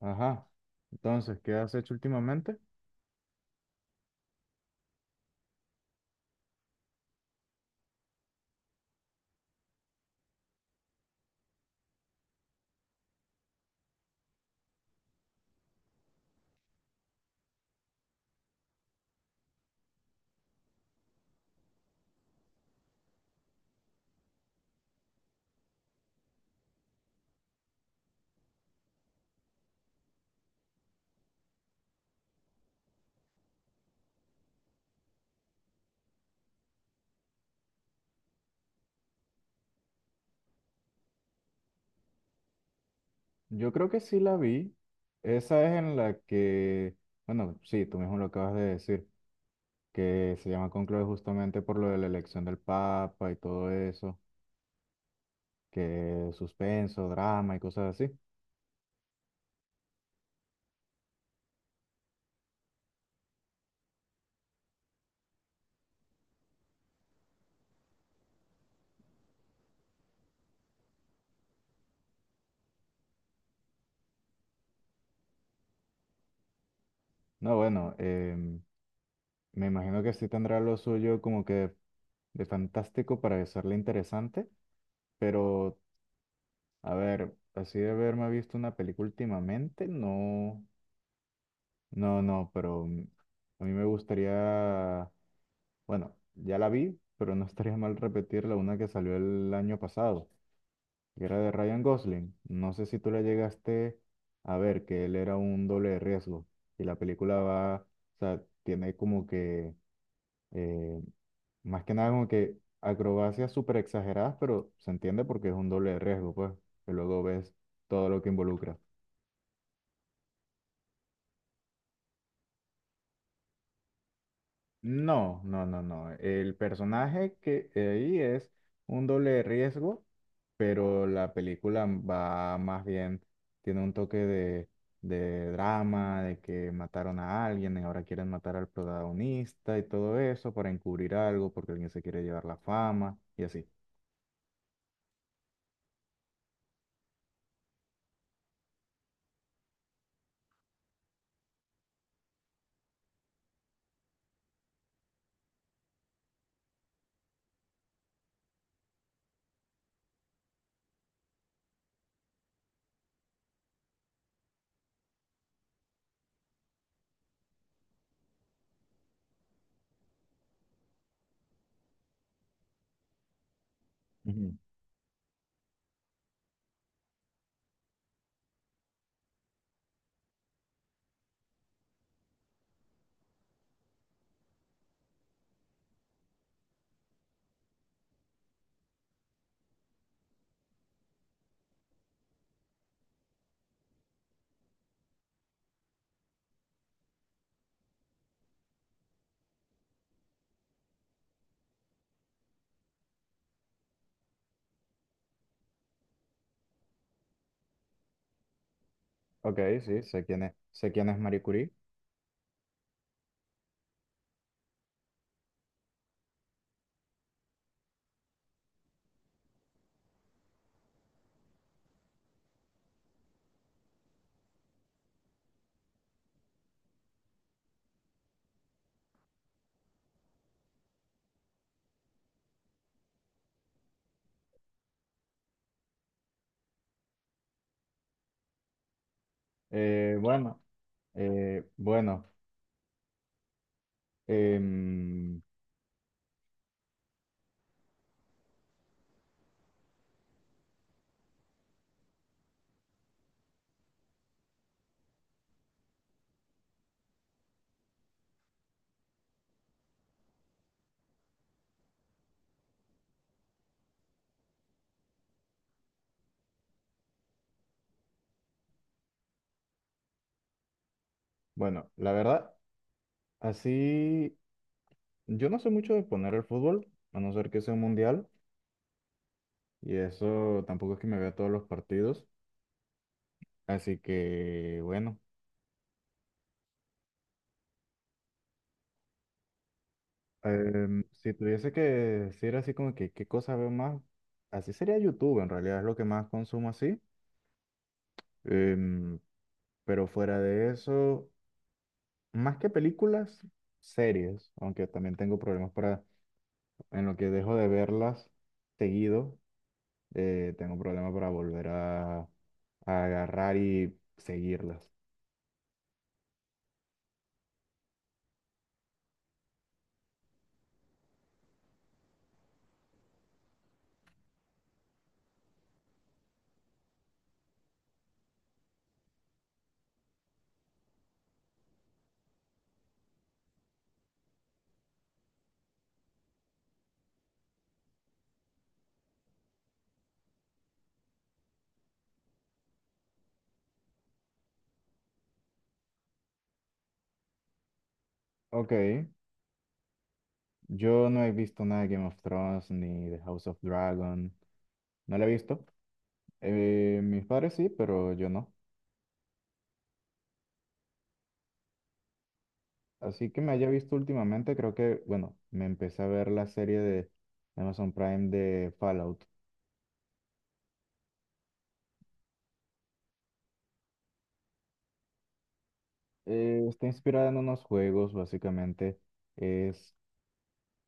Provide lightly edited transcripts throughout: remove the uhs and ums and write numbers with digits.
Ajá. Entonces, ¿qué has hecho últimamente? Yo creo que sí la vi. Esa es en la que, bueno, sí, tú mismo lo acabas de decir, que se llama Conclave justamente por lo de la elección del Papa y todo eso, que suspenso, drama y cosas así. No, bueno, me imagino que sí tendrá lo suyo como que de fantástico para hacerle interesante, pero a ver, así de haberme visto una película últimamente, no. No, no, pero a mí me gustaría, bueno, ya la vi, pero no estaría mal repetirla, una que salió el año pasado, que era de Ryan Gosling. No sé si tú la llegaste a ver, que él era un doble de riesgo y la película va, o sea, tiene como que, eh, más que nada como que acrobacias súper exageradas, pero se entiende porque es un doble de riesgo, pues, que luego ves todo lo que involucra. No, no, no, no. El personaje que ahí es un doble de riesgo, pero la película va más bien, tiene un toque de drama, de que mataron a alguien y ahora quieren matar al protagonista y todo eso para encubrir algo porque alguien se quiere llevar la fama y así. Ujú. Ok, sí, sé quién es Marie Curie. Bueno, bueno, em, bueno, la verdad, así. Yo no sé mucho de poner el fútbol, a no ser que sea un mundial, y eso tampoco es que me vea todos los partidos. Así que, bueno, si tuviese que decir así como que qué cosa veo más, así sería YouTube, en realidad es lo que más consumo así. Em, pero fuera de eso, más que películas, series, aunque también tengo problemas para, en lo que dejo de verlas seguido, tengo problemas para volver a agarrar y seguirlas. Ok, yo no he visto nada de Game of Thrones ni de House of Dragon. No la he visto. Mis padres sí, pero yo no. Así que me haya visto últimamente, creo que, bueno, me empecé a ver la serie de Amazon Prime de Fallout. Está inspirada en unos juegos, básicamente. Es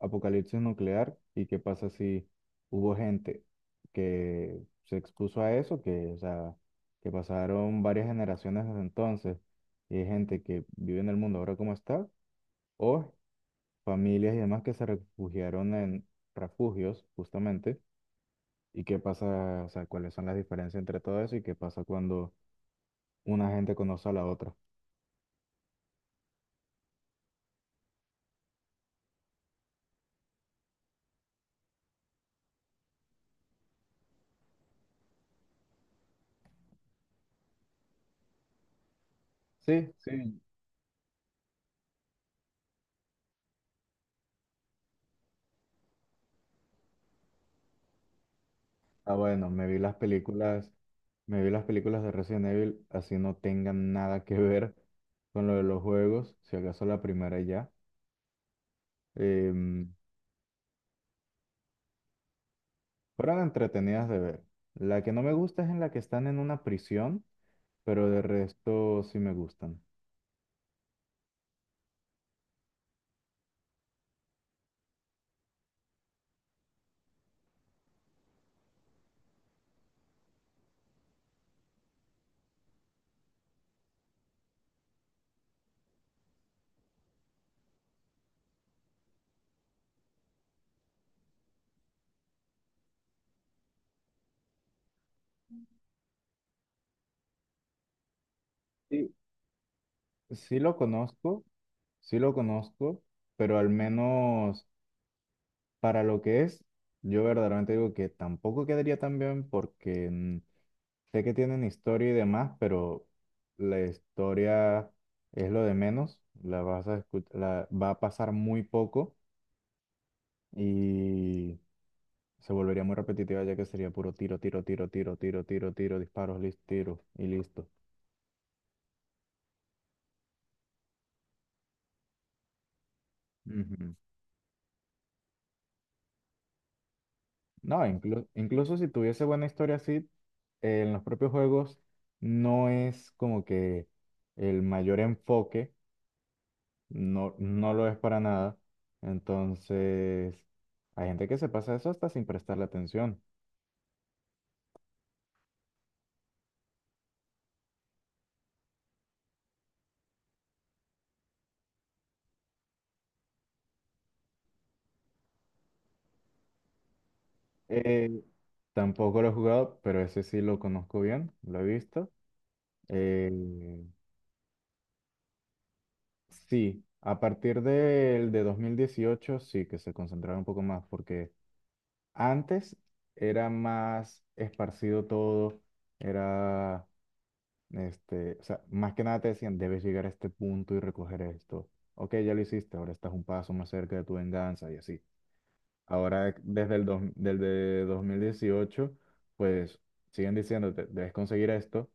apocalipsis nuclear y qué pasa si hubo gente que se expuso a eso, que, o sea, que pasaron varias generaciones desde entonces y hay gente que vive en el mundo ahora como está o familias y demás que se refugiaron en refugios, justamente, y qué pasa, o sea, cuáles son las diferencias entre todo eso y qué pasa cuando una gente conoce a la otra. Sí, sí. Ah, bueno, me vi las películas de Resident Evil, así no tengan nada que ver con lo de los juegos, si acaso la primera y ya. Em, fueron entretenidas de ver. La que no me gusta es en la que están en una prisión, pero de resto sí me gustan. Sí. Sí lo conozco, sí lo conozco, pero al menos para lo que es, yo verdaderamente digo que tampoco quedaría tan bien porque sé que tienen historia y demás, pero la historia es lo de menos, la va a pasar muy poco y se volvería muy repetitiva ya que sería puro tiro, tiro, tiro, tiro, tiro, tiro, tiro, disparos, listo, tiro y listo. No, incluso si tuviese buena historia así, en los propios juegos no es como que el mayor enfoque, no lo es para nada. Entonces, hay gente que se pasa eso hasta sin prestarle atención. Eh, tampoco lo he jugado, pero ese sí lo conozco bien, lo he visto. Eh, sí, a partir del de 2018 sí que se concentraron un poco más porque antes era más esparcido todo, era, este, o sea, más que nada te decían, debes llegar a este punto y recoger esto. Ok, ya lo hiciste, ahora estás un paso más cerca de tu venganza y así. Ahora, desde 2018 pues siguen diciéndote, debes conseguir esto,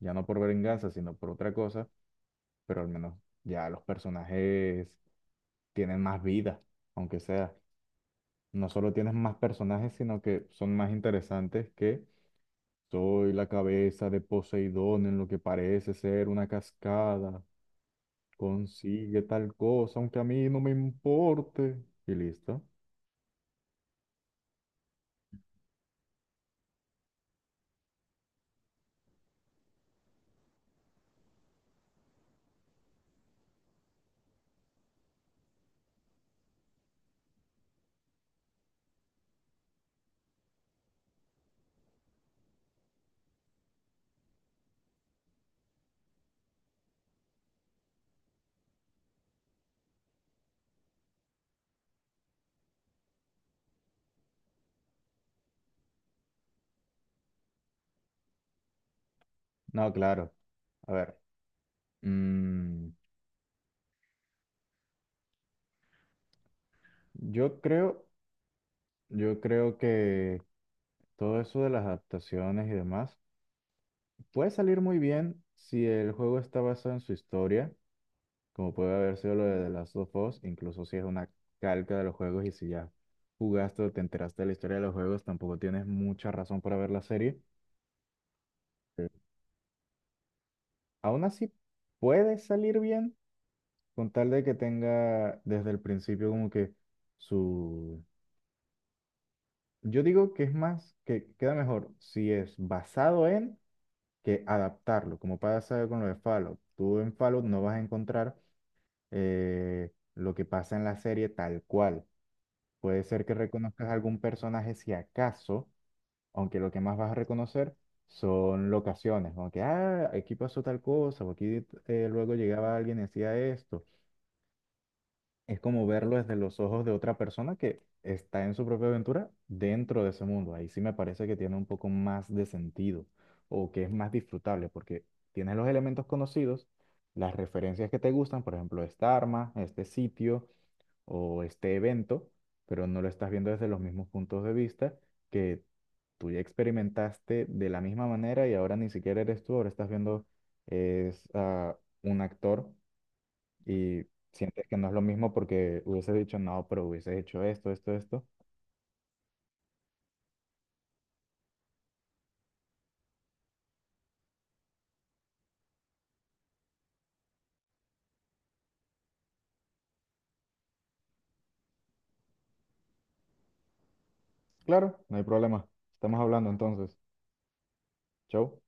ya no por venganza, sino por otra cosa, pero al menos ya los personajes tienen más vida, aunque sea. No solo tienes más personajes, sino que son más interesantes que. Soy la cabeza de Poseidón en lo que parece ser una cascada. Consigue tal cosa, aunque a mí no me importe. Y listo. No, claro. A ver. mm, yo creo, yo creo que todo eso de las adaptaciones y demás puede salir muy bien si el juego está basado en su historia, como puede haber sido lo de The Last of Us, incluso si es una calca de los juegos y si ya jugaste o te enteraste de la historia de los juegos, tampoco tienes mucha razón para ver la serie. Eh, aún así, puede salir bien con tal de que tenga desde el principio como que su... Yo digo que es más, que queda mejor si es basado en que adaptarlo, como pasa con lo de Fallout. Tú en Fallout no vas a encontrar, lo que pasa en la serie tal cual. Puede ser que reconozcas algún personaje si acaso, aunque lo que más vas a reconocer son locaciones, como que, ah, aquí pasó tal cosa, o aquí, luego llegaba alguien y hacía esto. Es como verlo desde los ojos de otra persona que está en su propia aventura dentro de ese mundo. Ahí sí me parece que tiene un poco más de sentido o que es más disfrutable porque tienes los elementos conocidos, las referencias que te gustan, por ejemplo, esta arma, este sitio o este evento, pero no lo estás viendo desde los mismos puntos de vista que tú ya experimentaste de la misma manera y ahora ni siquiera eres tú, ahora estás viendo es, a un actor, y sientes que no es lo mismo porque hubieses dicho no, pero hubieses hecho esto, esto, esto. Claro, no hay problema. Estamos hablando entonces. Chau.